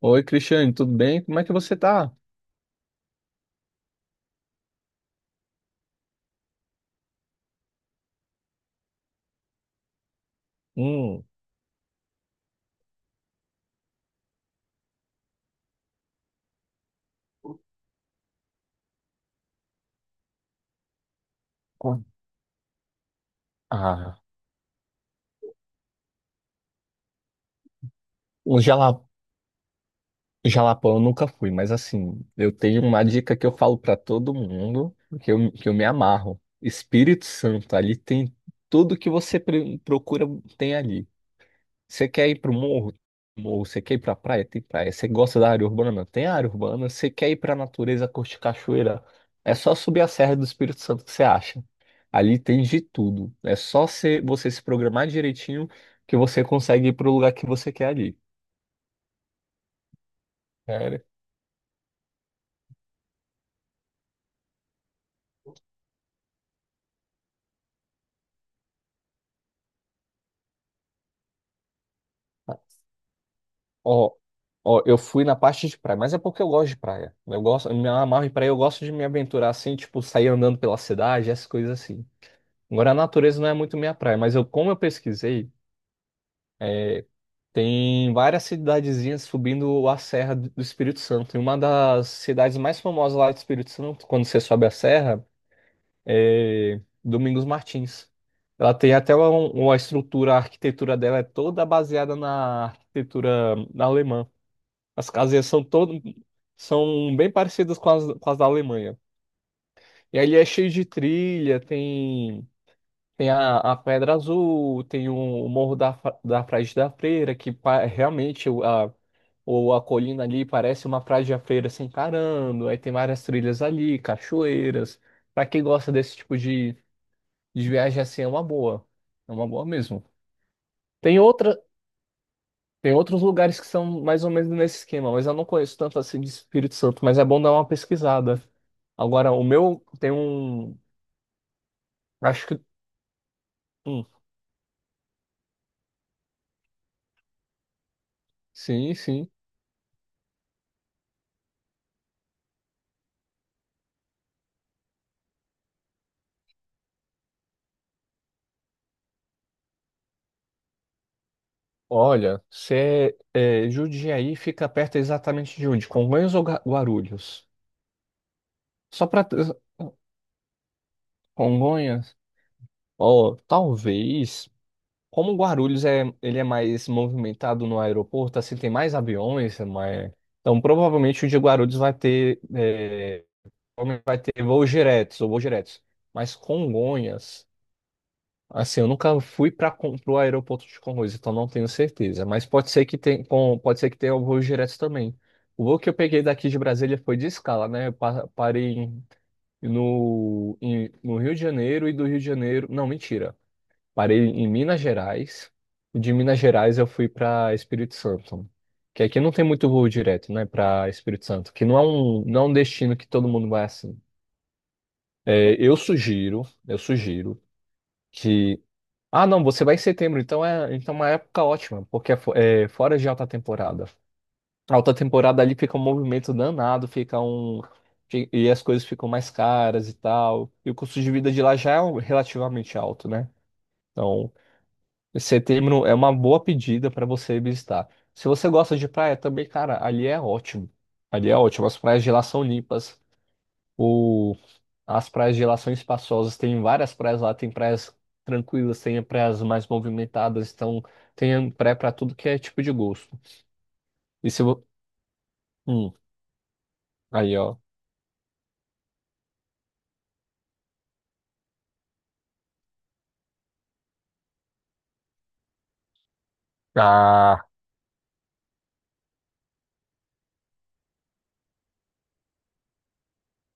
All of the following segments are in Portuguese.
Oi, Cristiane, tudo bem? Como é que você tá? Hum. Ah. um jala, Jalapão eu nunca fui, mas assim, eu tenho uma dica que eu falo pra todo mundo, que eu me amarro. Espírito Santo, ali tem tudo que você procura, tem ali. Você quer ir pro morro? Morro. Você quer ir pra praia? Tem praia. Você gosta da área urbana? Tem área urbana. Você quer ir pra natureza, curtir cachoeira? É só subir a Serra do Espírito Santo que você acha. Ali tem de tudo. É só você se programar direitinho que você consegue ir pro lugar que você quer ali. Sério? Ó, ó, eu fui na parte de praia, mas é porque eu gosto de praia. Eu gosto, eu me amarro em praia, eu gosto de me aventurar assim, tipo, sair andando pela cidade, essas coisas assim. Agora, a natureza não é muito minha praia, mas eu, como eu pesquisei, tem várias cidadezinhas subindo a Serra do Espírito Santo. E uma das cidades mais famosas lá do Espírito Santo, quando você sobe a serra, é Domingos Martins. Ela tem até uma estrutura, a arquitetura dela é toda baseada na arquitetura alemã. As casinhas são bem parecidas com as da Alemanha. E ali é cheio de trilha, tem a Pedra Azul, tem o Morro da Frade da Freira, que realmente a colina ali parece uma praia de feira se encarando, aí tem várias trilhas ali, cachoeiras. Pra quem gosta desse tipo de viagem assim, é uma boa. É uma boa mesmo. Tem outra, tem outros lugares que são mais ou menos nesse esquema, mas eu não conheço tanto assim de Espírito Santo, mas é bom dar uma pesquisada. Agora, o meu tem um. Acho que. Hum. Sim, sim. Olha, se é, Jundiaí fica perto exatamente de onde? Congonhas ou Guarulhos? Só para. Congonhas? Ó, talvez. Como Guarulhos é, ele é mais movimentado no aeroporto, assim, tem mais aviões, é mais... Então, provavelmente o de Guarulhos vai ter, é, provavelmente vai ter voos diretos ou voos diretos. Mas Congonhas, assim, eu nunca fui para o aeroporto de Congonhas, então não tenho certeza. Mas pode ser que tenha, pode ser que tenha voos diretos também. O voo que eu peguei daqui de Brasília foi de escala, né? Eu parei no Rio de Janeiro e do Rio de Janeiro. Não, mentira. Parei em Minas Gerais. E de Minas Gerais eu fui para Espírito Santo. Que aqui não tem muito voo direto, né, para Espírito Santo, que não é um destino que todo mundo vai assim. É, eu sugiro que ah, não, você vai em setembro, então é uma época ótima, porque é fora de alta temporada. A alta temporada ali fica um movimento danado, e as coisas ficam mais caras e tal. E o custo de vida de lá já é relativamente alto, né? Então, setembro é uma boa pedida para você visitar. Se você gosta de praia também, cara, ali é ótimo. Ali é ótimo. As praias de lá são limpas. O... As praias de lá são espaçosas. Tem várias praias lá. Tem praias tranquilas, tem praias mais movimentadas. Então, tem praia para tudo que é tipo de gosto. E se vo... Hum. Aí, ó. Ah,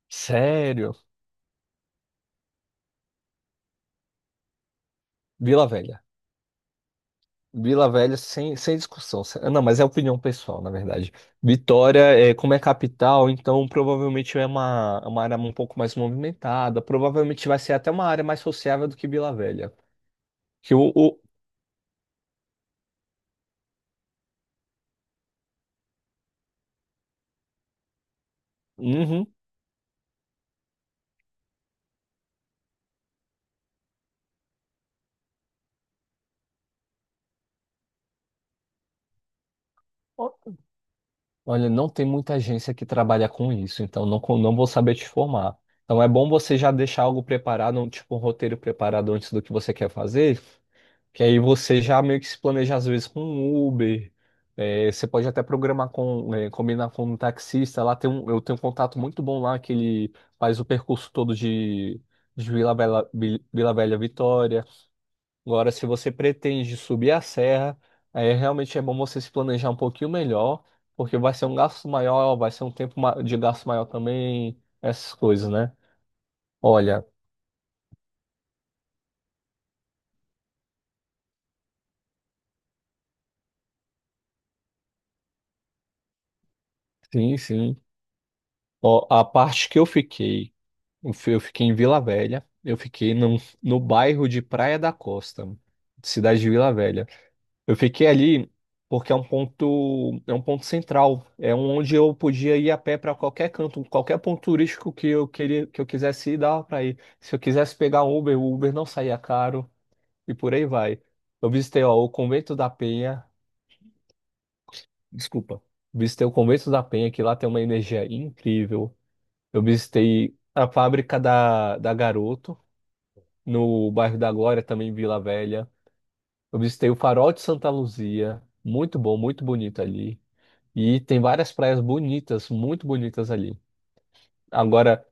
sério? Vila Velha. Vila Velha, sem discussão. Não, mas é opinião pessoal, na verdade. Vitória, é, como é capital, então provavelmente é uma área um pouco mais movimentada. Provavelmente vai ser até uma área mais sociável do que Vila Velha. Que o, o- Uhum. Olha, não tem muita agência que trabalha com isso, então não vou saber te formar. Então é bom você já deixar algo preparado, tipo um roteiro preparado antes do que você quer fazer, que aí você já meio que se planeja às vezes com um Uber. É, você pode até programar combinar com um taxista. Eu tenho um contato muito bom lá que ele faz o percurso todo de Vila Velha, Vitória. Agora, se você pretende subir a serra, aí realmente é bom você se planejar um pouquinho melhor, porque vai ser um gasto maior, vai ser um tempo de gasto maior também, essas coisas, né? Olha, sim, sim. Ó, a parte que eu fiquei. Eu fiquei em Vila Velha. Eu fiquei no bairro de Praia da Costa, cidade de Vila Velha. Eu fiquei ali porque é um ponto central. Onde eu podia ir a pé para qualquer canto, qualquer ponto turístico que eu quisesse ir, dava para ir. Se eu quisesse pegar um Uber, o Uber não saía caro e por aí vai. Eu visitei, ó, o Convento da Penha. Desculpa. Visitei o Convento da Penha, que lá tem uma energia incrível. Eu visitei a fábrica da Garoto no bairro da Glória, também em Vila Velha. Eu visitei o Farol de Santa Luzia, muito bom, muito bonito ali. E tem várias praias bonitas, muito bonitas ali. Agora,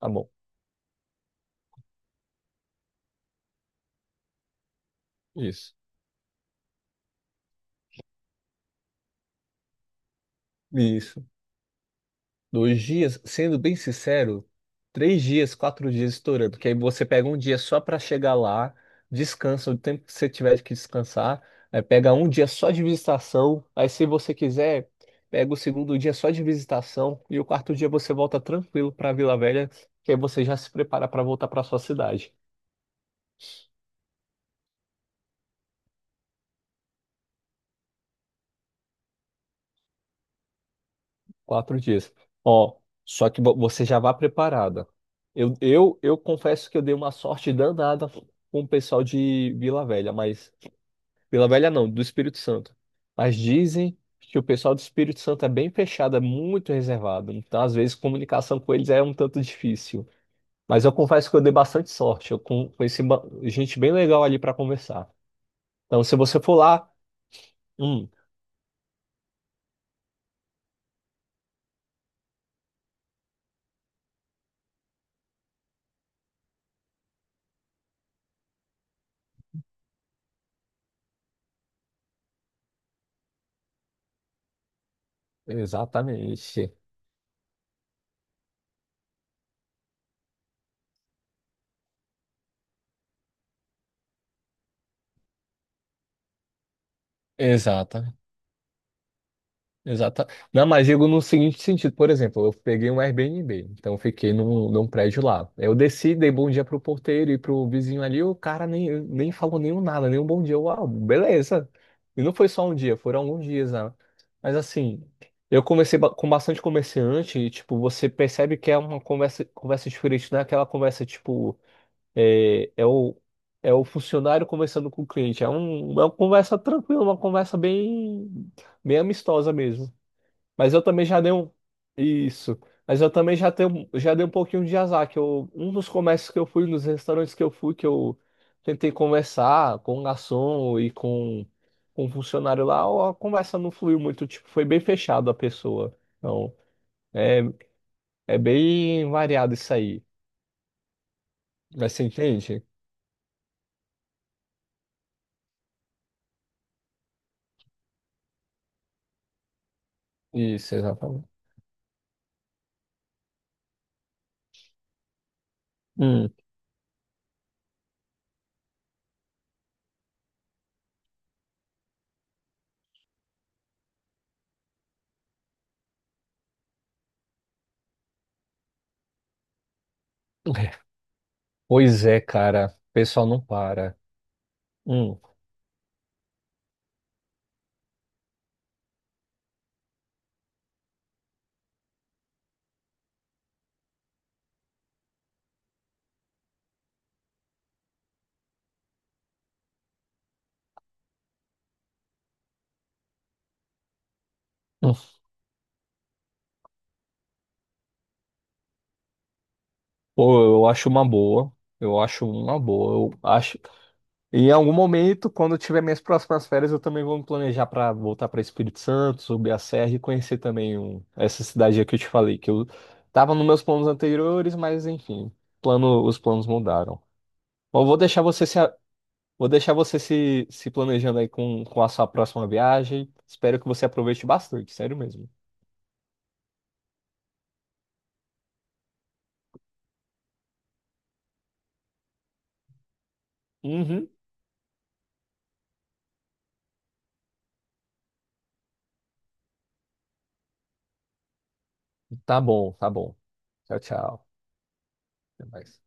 tá bom, isso. Isso. Dois dias, sendo bem sincero, três dias, quatro dias estourando, porque aí você pega um dia só para chegar lá, descansa o tempo que você tiver que descansar, aí pega um dia só de visitação, aí se você quiser, pega o segundo dia só de visitação e o quarto dia você volta tranquilo para Vila Velha, que aí você já se prepara para voltar para sua cidade. Quatro dias. Ó, só que você já vá preparada. Eu confesso que eu dei uma sorte danada com o pessoal de Vila Velha, mas Vila Velha não, do Espírito Santo. Mas dizem que o pessoal do Espírito Santo é bem fechado, é muito reservado. Então, às vezes, comunicação com eles é um tanto difícil. Mas eu confesso que eu dei bastante sorte. Eu conheci gente bem legal ali para conversar. Então, se você for lá. Hum. Exatamente. Exata. Exata. Não, mas digo no seguinte sentido, por exemplo, eu peguei um Airbnb, então eu fiquei num prédio lá. Eu desci, dei bom dia pro porteiro e pro vizinho ali, o cara nem falou nenhum nada, nenhum bom dia. Uau, beleza. E não foi só um dia, foram alguns dias, né? Mas assim, eu comecei com bastante comerciante e, tipo, você percebe que é uma conversa diferente, não é aquela conversa, tipo, é, é o, é o funcionário conversando com o cliente. É uma conversa tranquila, uma conversa bem amistosa mesmo. Mas eu também já dei um. Isso. Mas eu também já dei um pouquinho de azar, um dos comércios que eu fui, nos restaurantes que eu fui, que eu tentei conversar com o garçom e com o funcionário lá, a conversa não fluiu muito, tipo, foi bem fechado a pessoa. Então, é, é bem variado isso aí. Mas você entende? Isso, exatamente. Hum. Pois é, cara. O pessoal não para. Hum. Hum. Pô, eu acho uma boa. Eu acho uma boa. Eu acho. Em algum momento, quando eu tiver minhas próximas férias, eu também vou me planejar para voltar para Espírito Santo, subir a serra e conhecer também essa cidade aí que eu te falei, que eu tava nos meus planos anteriores, mas enfim, os planos mudaram. Bom, eu vou deixar você se, a- vou deixar você se planejando aí com a sua próxima viagem. Espero que você aproveite bastante, sério mesmo. Uhum. Tá bom, tá bom. Tchau, tchau. Até mais.